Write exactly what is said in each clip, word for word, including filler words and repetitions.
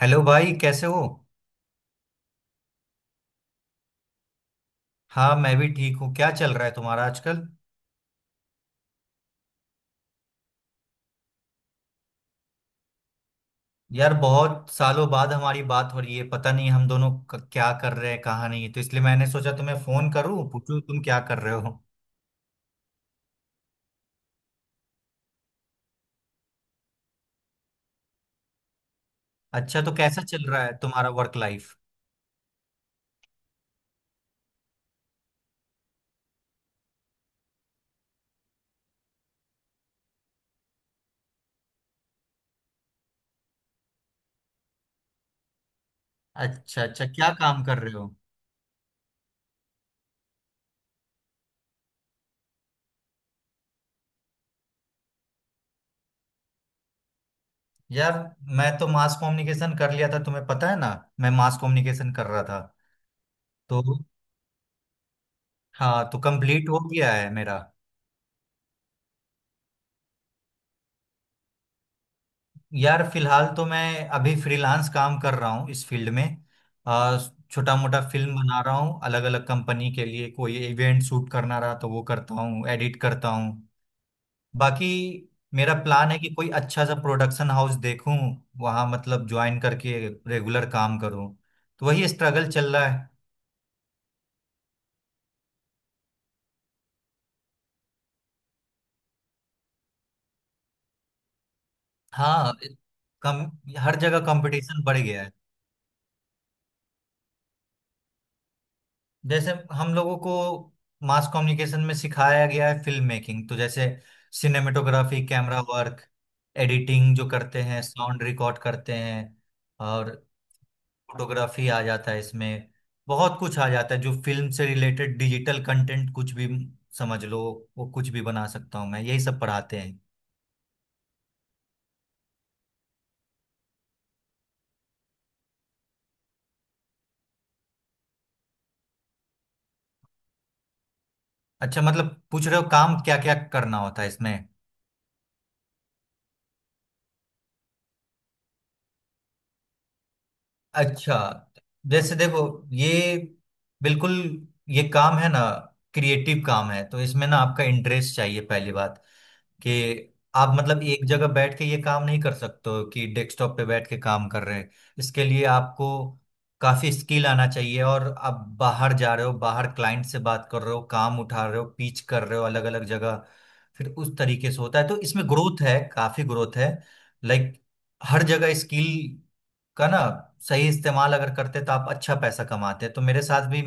Hello भाई, कैसे हो? हाँ, मैं भी ठीक हूँ। क्या चल रहा है तुम्हारा आजकल? यार, बहुत सालों बाद हमारी बात हो रही है। पता नहीं हम दोनों क- क्या कर रहे हैं, कहाँ, नहीं तो। इसलिए मैंने सोचा तुम्हें फोन करूँ, पूछूं तुम क्या कर रहे हो। अच्छा, तो कैसा चल रहा है तुम्हारा वर्क लाइफ? अच्छा अच्छा, क्या काम कर रहे हो? यार, मैं तो मास कम्युनिकेशन कर लिया था, तुम्हें पता है ना। मैं मास कम्युनिकेशन कर रहा था तो। हाँ, तो कंप्लीट हो गया है मेरा। यार, फिलहाल तो मैं अभी फ्रीलांस काम कर रहा हूँ इस फील्ड में। छोटा मोटा फिल्म बना रहा हूँ अलग अलग कंपनी के लिए। कोई इवेंट शूट करना रहा तो वो करता हूँ, एडिट करता हूँ। बाकी, मेरा प्लान है कि कोई अच्छा सा प्रोडक्शन हाउस देखूँ, वहाँ मतलब ज्वाइन करके रेगुलर काम करूँ। तो वही स्ट्रगल चल रहा है। हाँ, कम। हर जगह कंपटीशन बढ़ गया है। जैसे हम लोगों को मास कम्युनिकेशन में सिखाया गया है फिल्म मेकिंग। तो जैसे सिनेमेटोग्राफी, कैमरा वर्क, एडिटिंग जो करते हैं, साउंड रिकॉर्ड करते हैं, और फोटोग्राफी आ जाता है इसमें। बहुत कुछ आ जाता है जो फिल्म से रिलेटेड, डिजिटल कंटेंट कुछ भी, समझ लो, वो कुछ भी बना सकता हूँ मैं। यही सब पढ़ाते हैं। अच्छा, मतलब पूछ रहे हो काम क्या क्या करना होता है इसमें? अच्छा, जैसे देखो ये, बिल्कुल, ये काम है ना, क्रिएटिव काम है, तो इसमें ना आपका इंटरेस्ट चाहिए पहली बात। कि आप मतलब एक जगह बैठ के ये काम नहीं कर सकते हो कि डेस्कटॉप पे बैठ के काम कर रहे हैं। इसके लिए आपको काफी स्किल आना चाहिए, और आप बाहर जा रहे हो, बाहर क्लाइंट से बात कर रहे हो, काम उठा रहे हो, पिच कर रहे हो अलग अलग जगह। फिर उस तरीके से होता है। तो इसमें ग्रोथ है, काफी ग्रोथ है। लाइक हर जगह स्किल का ना सही इस्तेमाल अगर करते तो आप अच्छा पैसा कमाते हैं। तो मेरे साथ भी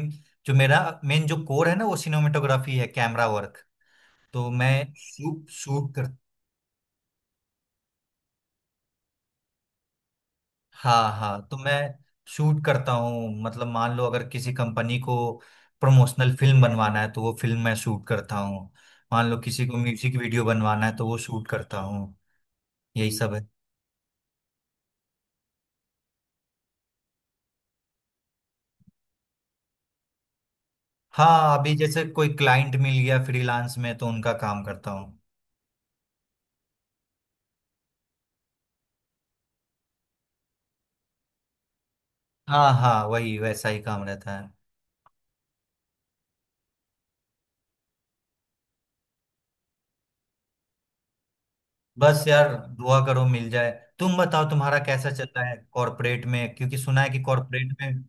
जो मेरा मेन जो कोर है ना वो सिनेमेटोग्राफी है, कैमरा वर्क। तो मैं शूट शूट। हाँ हाँ, तो मैं शूट करता हूँ, मतलब मान लो अगर किसी कंपनी को प्रमोशनल फिल्म बनवाना है तो वो फिल्म मैं शूट करता हूँ। मान लो किसी को म्यूजिक वीडियो बनवाना है तो वो शूट करता हूँ। यही सब है। हाँ, अभी जैसे कोई क्लाइंट मिल गया फ्रीलांस में तो उनका काम करता हूँ। हाँ हाँ, वही वैसा ही काम रहता है। बस यार, दुआ करो मिल जाए। तुम बताओ तुम्हारा कैसा चल रहा है कॉरपोरेट में? क्योंकि सुना है कि कॉरपोरेट में।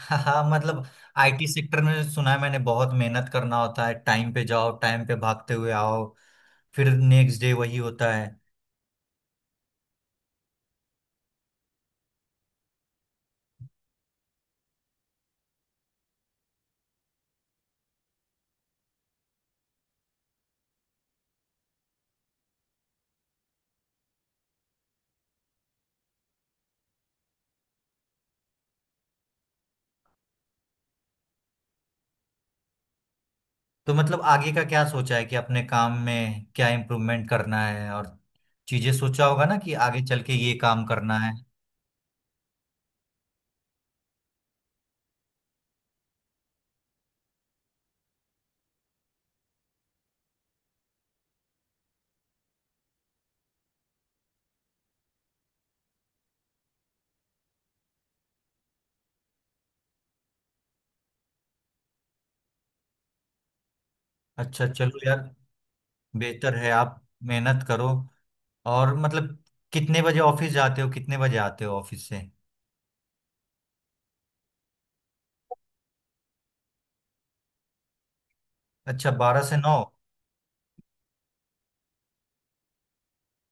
हाँ हाँ, मतलब आई टी सेक्टर में सुना है मैंने बहुत मेहनत करना होता है। टाइम पे जाओ, टाइम पे भागते हुए आओ, फिर नेक्स्ट डे वही होता है। तो मतलब आगे का क्या सोचा है कि अपने काम में क्या इम्प्रूवमेंट करना है, और चीजें सोचा होगा ना कि आगे चल के ये काम करना है। अच्छा, चलो यार। बेहतर है, आप मेहनत करो। और मतलब कितने बजे ऑफिस जाते हो, कितने बजे आते हो ऑफिस से? अच्छा, बारह से नौ।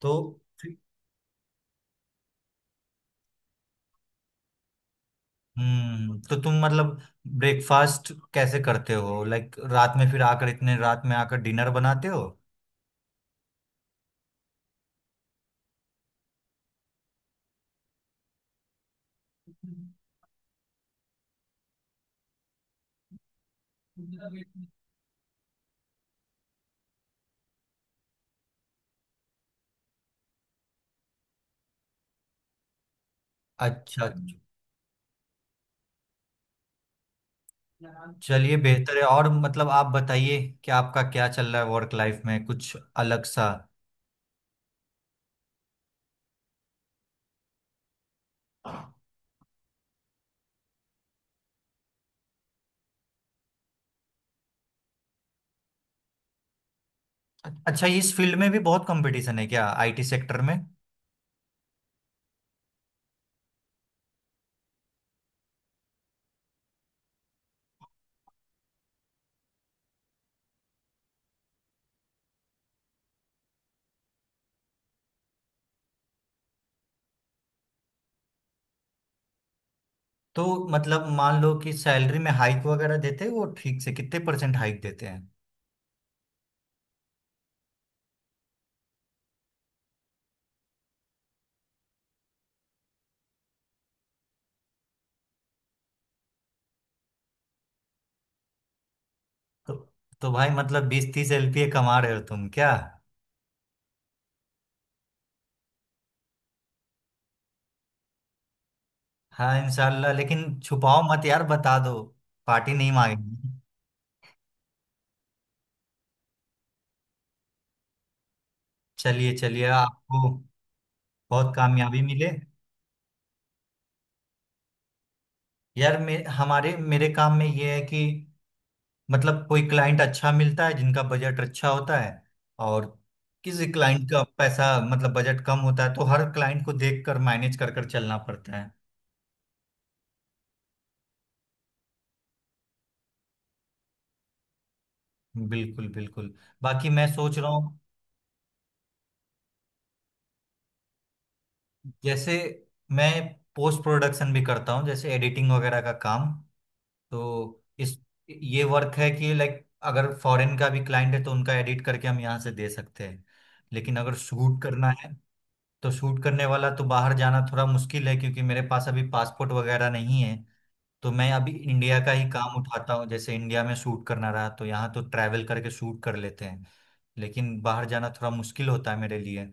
तो हम्म, तो तुम मतलब ब्रेकफास्ट कैसे करते हो? लाइक रात में फिर आकर, इतने रात में आकर डिनर बनाते हो? अच्छा अच्छा। चलिए बेहतर है। और मतलब आप बताइए कि आपका क्या चल रहा है वर्क लाइफ में, कुछ अलग सा? अच्छा, इस फील्ड में भी बहुत कंपटीशन है क्या, आई टी सेक्टर में? तो मतलब मान लो कि सैलरी में हाइक वगैरह देते हैं वो ठीक से कितने परसेंट हाइक देते हैं? तो तो भाई, मतलब बीस तीस एल पी ए कमा रहे हो तुम क्या? हाँ इंशाल्लाह, लेकिन छुपाओ मत यार, बता दो। पार्टी नहीं मांगेंगे। चलिए चलिए, आपको बहुत कामयाबी मिले। यार, मे, हमारे मेरे काम में ये है कि मतलब कोई क्लाइंट अच्छा मिलता है जिनका बजट अच्छा होता है, और किसी क्लाइंट का पैसा मतलब बजट कम होता है, तो हर क्लाइंट को देख कर मैनेज कर कर चलना पड़ता है। बिल्कुल बिल्कुल। बाकी मैं सोच रहा हूँ, जैसे मैं पोस्ट प्रोडक्शन भी करता हूँ, जैसे एडिटिंग वगैरह का काम। तो इस ये वर्क है कि लाइक अगर फॉरेन का भी क्लाइंट है तो उनका एडिट करके हम यहाँ से दे सकते हैं। लेकिन अगर शूट करना है तो शूट करने वाला तो बाहर जाना थोड़ा मुश्किल है, क्योंकि मेरे पास अभी पासपोर्ट वगैरह नहीं है। तो मैं अभी इंडिया का ही काम उठाता हूँ। जैसे इंडिया में शूट करना रहा तो यहाँ तो ट्रैवल करके शूट कर लेते हैं। लेकिन बाहर जाना थोड़ा मुश्किल होता है मेरे लिए।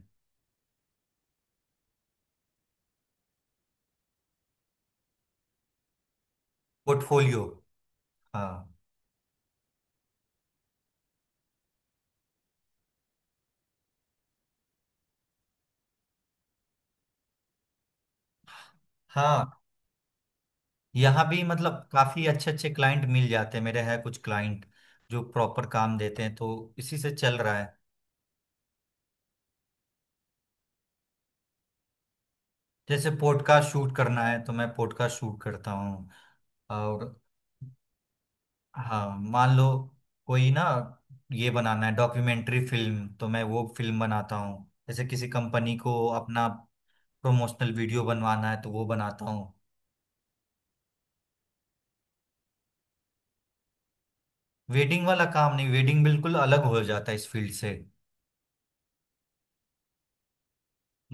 पोर्टफोलियो, हाँ हाँ। यहाँ भी मतलब काफी अच्छे अच्छे क्लाइंट मिल जाते हैं, मेरे हैं कुछ क्लाइंट जो प्रॉपर काम देते हैं, तो इसी से चल रहा है। जैसे पॉडकास्ट शूट करना है तो मैं पॉडकास्ट शूट करता हूँ। और हाँ, मान लो कोई ना, ये बनाना है डॉक्यूमेंट्री फिल्म तो मैं वो फिल्म बनाता हूँ। जैसे किसी कंपनी को अपना प्रमोशनल वीडियो बनवाना है तो वो बनाता हूँ। वेडिंग वाला काम नहीं, वेडिंग बिल्कुल अलग हो जाता है इस फील्ड से।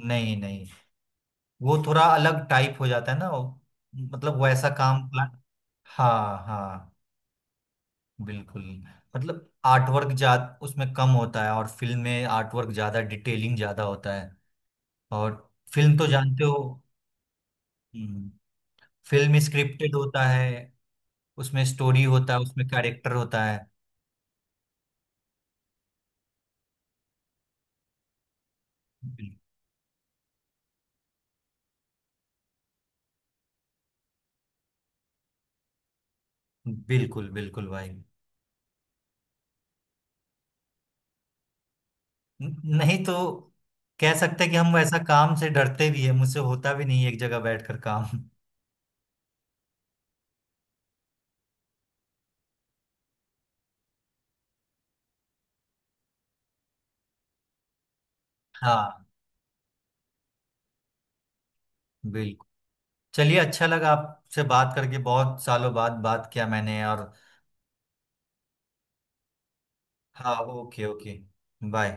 नहीं नहीं। वो- थोड़ा अलग टाइप हो जाता है ना वो- मतलब वैसा काम प्लान। हाँ हाँ। बिल्कुल। मतलब आर्टवर्क जा उसमें कम होता है, और फिल्म में आर्टवर्क ज्यादा, डिटेलिंग ज्यादा होता है। और फिल्म तो जानते हो, हम्म। फिल्म स्क्रिप्टेड होता है, उसमें स्टोरी होता है, उसमें कैरेक्टर होता है। बिल- बिल्कुल बिल्कुल भाई। न- नहीं तो, कह सकते हैं कि हम वैसा काम से डरते भी है, मुझसे होता भी नहीं है एक जगह बैठकर काम। हाँ। बिल्कुल। चलिए, अच्छा लगा आपसे बात करके, बहुत सालों बाद बात किया मैंने। और हाँ, ओके ओके, बाय।